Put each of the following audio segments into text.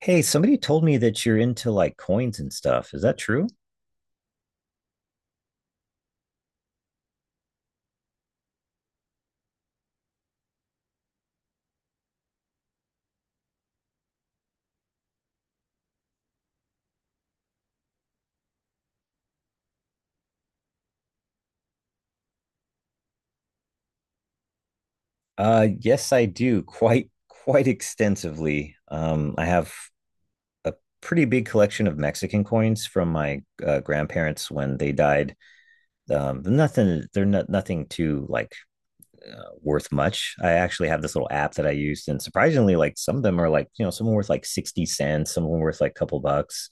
Hey, somebody told me that you're into like coins and stuff. Is that true? Yes, I do quite extensively. I have a pretty big collection of Mexican coins from my grandparents when they died. Nothing, they're not nothing too like worth much. I actually have this little app that I used, and surprisingly, like some of them are like some are worth like 60 cents, some are worth like a couple bucks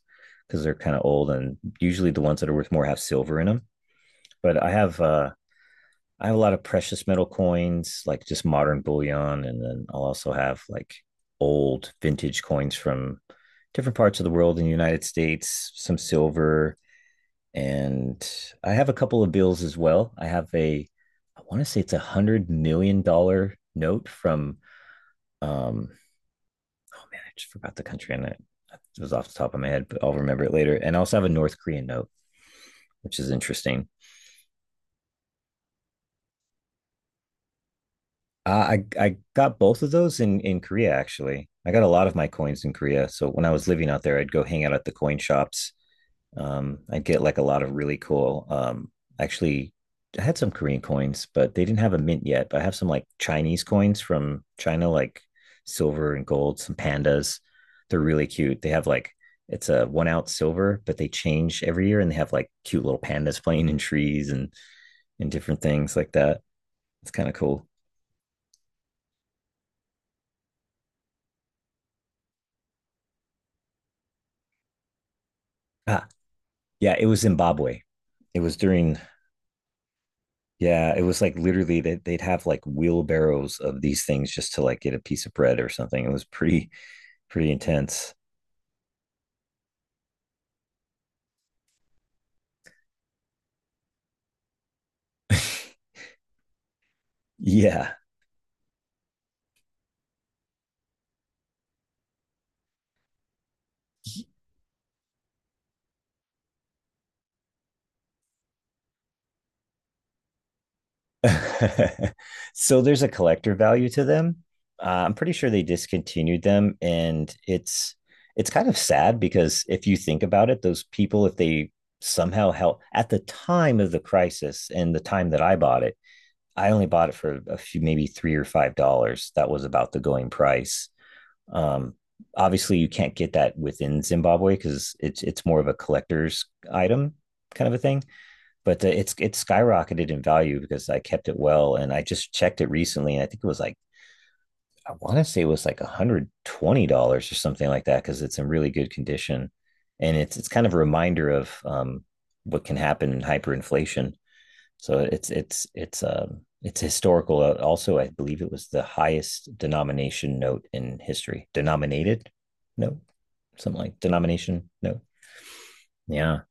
because they're kind of old, and usually the ones that are worth more have silver in them. But I have a lot of precious metal coins, like just modern bullion, and then I'll also have like old vintage coins from different parts of the world in the United States, some silver, and I have a couple of bills as well. I have a I want to say it's $100 million note from um oh man, I just forgot the country and It was off the top of my head, but I'll remember it later. And I also have a North Korean note, which is interesting. I got both of those in Korea actually. I got a lot of my coins in Korea. So when I was living out there, I'd go hang out at the coin shops. I'd get like a lot of really cool. Actually, I had some Korean coins, but they didn't have a mint yet. But I have some like Chinese coins from China, like silver and gold. Some pandas. They're really cute. They have like it's a 1 ounce silver, but they change every year, and they have like cute little pandas playing in trees and different things like that. It's kind of cool. Uh, Yeah, it was Zimbabwe. It was during Yeah, it was like literally that they'd have like wheelbarrows of these things just to like get a piece of bread or something. It was pretty intense. Yeah. So there's a collector value to them. I'm pretty sure they discontinued them, and it's kind of sad because if you think about it, those people if they somehow help at the time of the crisis and the time that I bought it, I only bought it for a few, maybe $3 or $5. That was about the going price. Um, Obviously, you can't get that within Zimbabwe because it's more of a collector's item kind of a thing. But it's skyrocketed in value because I kept it well, and I just checked it recently, and I want to say it was like $120 or something like that because it's in really good condition, and it's kind of a reminder of what can happen in hyperinflation, so it's historical. Also, I believe it was the highest denomination note in history. Denominated note, something like denomination note. Yeah.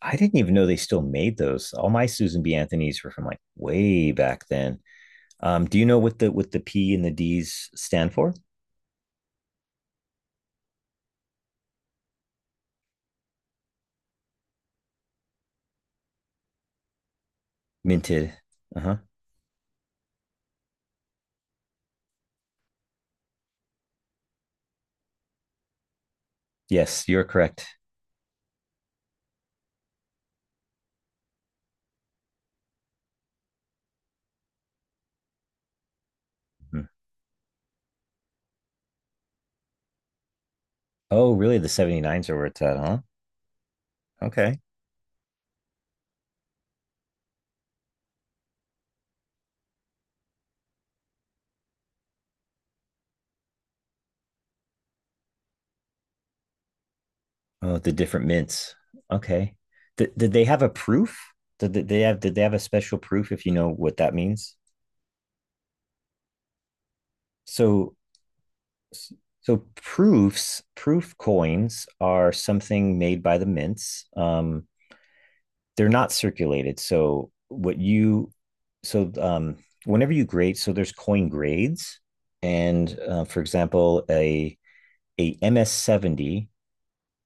I didn't even know they still made those. All my Susan B. Anthony's were from like way back then. Do you know what the P and the D's stand for? Minted. Uh-huh. Yes, you're correct. Mhm. Oh, really? The 79s are where it's at, huh? Okay. Oh, the different mints. Okay. Did they have a proof? Did they have a special proof, if you know what that means? So so proofs, proof coins are something made by the mints. They're not circulated. So what you so Whenever you grade, so there's coin grades, and for example, a MS 70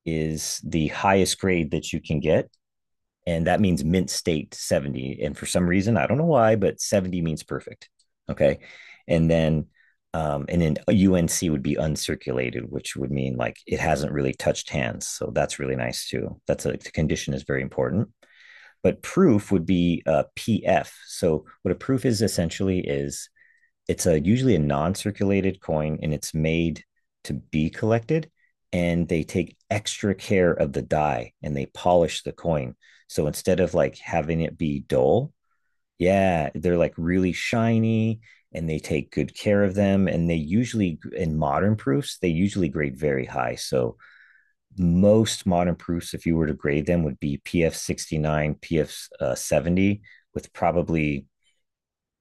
is the highest grade that you can get, and that means mint state 70. And for some reason, I don't know why, but 70 means perfect. Okay. And then um, and then unc would be uncirculated, which would mean like it hasn't really touched hands, so that's really nice too. That's a the condition is very important. But proof would be pf. So what a proof is essentially is it's a usually a non-circulated coin, and it's made to be collected, and they take extra care of the die and they polish the coin. So instead of like having it be dull, yeah, they're like really shiny, and they take good care of them, and they usually in modern proofs they usually grade very high. So most modern proofs, if you were to grade them, would be pf 69, pf, 70, with probably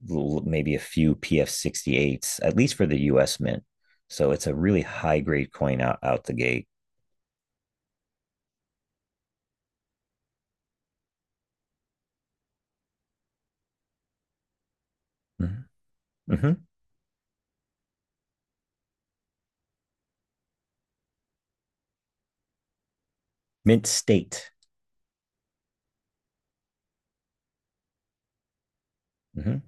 maybe a few PF68s, at least for the US mint. So it's a really high grade coin out the gate. Mhm. Mhm. Mint state. Mhm.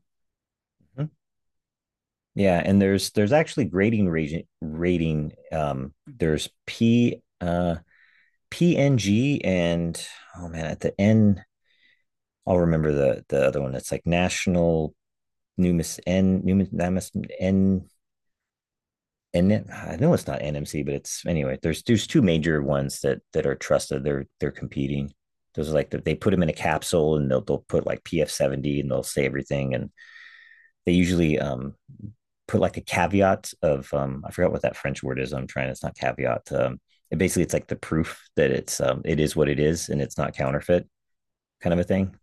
Mhm. Yeah, and there's actually rating, there's P PNG, and oh man, at the N, I'll remember the other one that's like national numis, N numis, N, and I know it's not NMC, but it's anyway. There's two major ones that are trusted. They're competing. Those are like they put them in a capsule and they'll put like PF 70, and they'll say everything, and they usually put like a caveat of I forgot what that French word is. I'm trying. It's not caveat. It basically it's like the proof that it is what it is and it's not counterfeit, kind of a thing.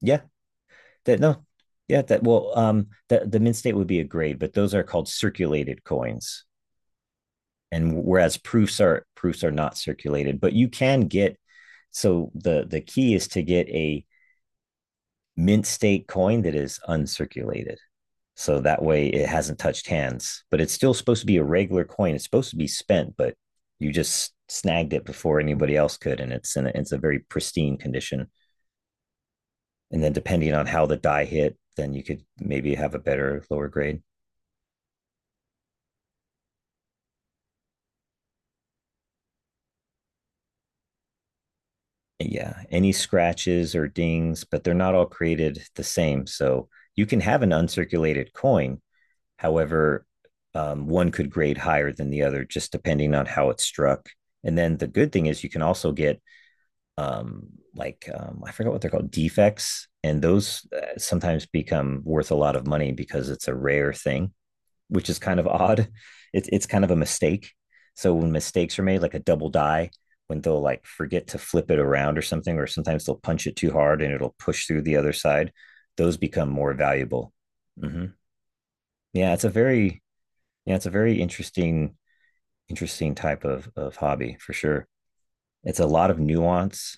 Yeah. That no. Yeah. That, well, the mint state would be a grade, but those are called circulated coins, and whereas proofs are not circulated, but you can get so the key is to get a mint state coin that is uncirculated, so that way it hasn't touched hands, but it's still supposed to be a regular coin. It's supposed to be spent, but you just snagged it before anybody else could, and it's it's a very pristine condition. And then depending on how the die hit, then you could maybe have a better lower grade. Yeah, any scratches or dings, but they're not all created the same. So you can have an uncirculated coin. However, one could grade higher than the other, just depending on how it struck. And then the good thing is you can also get um, like I forget what they're called, defects, and those sometimes become worth a lot of money because it's a rare thing, which is kind of odd. It's kind of a mistake. So when mistakes are made, like a double die, when they'll like forget to flip it around or something, or sometimes they'll punch it too hard and it'll push through the other side, those become more valuable. Mm-hmm. Yeah, it's a very yeah, it's a very interesting type of hobby for sure. It's a lot of nuance.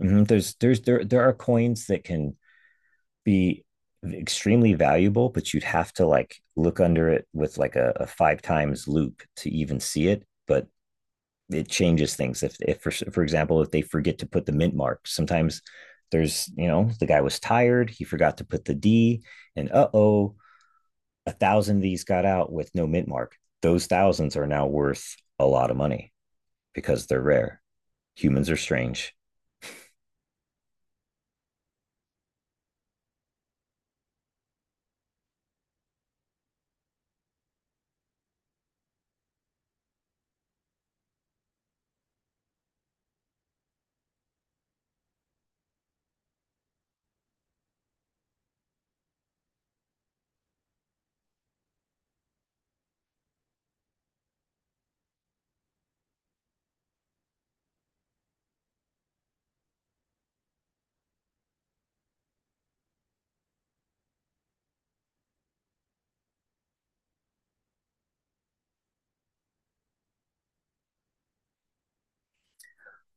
Mm-hmm. There are coins that can be extremely valuable, but you'd have to like look under it with like a five times loop to even see it. But it changes things. If for, for example, if they forget to put the mint mark, sometimes there's, the guy was tired, he forgot to put the D, and oh, 1,000 of these got out with no mint mark. Those thousands are now worth a lot of money because they're rare. Humans are strange.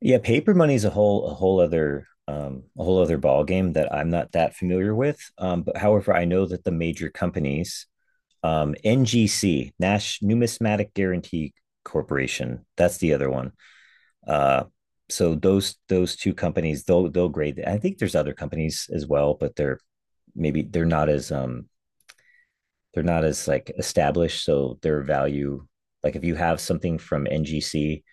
Yeah, paper money is a whole other ball game that I'm not that familiar with. But however, I know that the major companies, NGC, Nash Numismatic Guarantee Corporation, that's the other one. Uh, so those two companies, they'll grade. I think there's other companies as well, but they're maybe they're not as like established, so their value. Like if you have something from NGC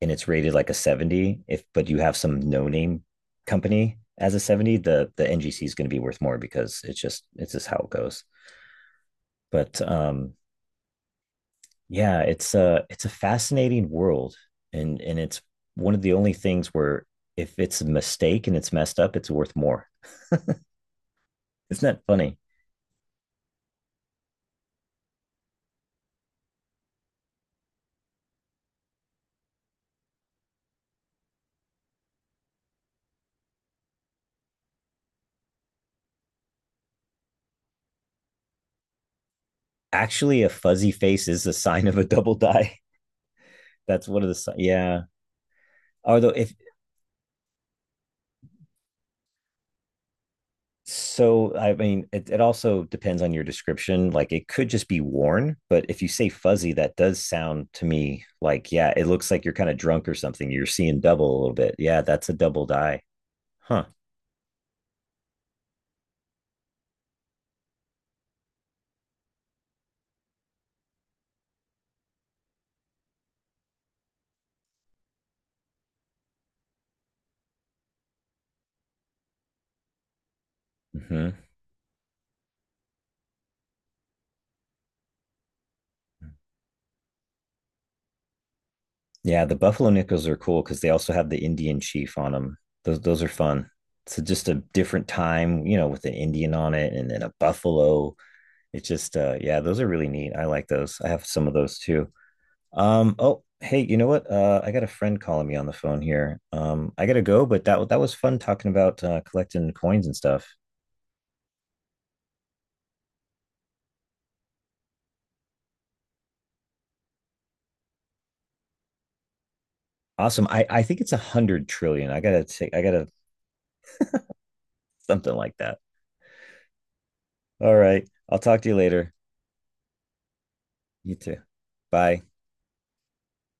and it's rated like a 70, if but you have some no name company as a 70, the ngc is going to be worth more because it's just how it goes, but yeah, it's a fascinating world, and it's one of the only things where if it's a mistake and it's messed up, it's worth more. Isn't that funny? Actually, a fuzzy face is a sign of a double die. That's one of the yeah. Although if so, I mean, it also depends on your description. Like it could just be worn, but if you say fuzzy, that does sound to me like yeah, it looks like you're kind of drunk or something. You're seeing double a little bit. Yeah, that's a double die, huh? Hmm. Yeah, the buffalo nickels are cool because they also have the Indian chief on them. Those are fun. So just a different time, you know, with an Indian on it, and then a buffalo. It's just yeah, those are really neat. I like those. I have some of those too. Oh, hey, you know what? I got a friend calling me on the phone here. I got to go, but that was fun talking about collecting coins and stuff. Awesome. I think it's a 100 trillion. I got to, something like that. All right. I'll talk to you later. You too. Bye.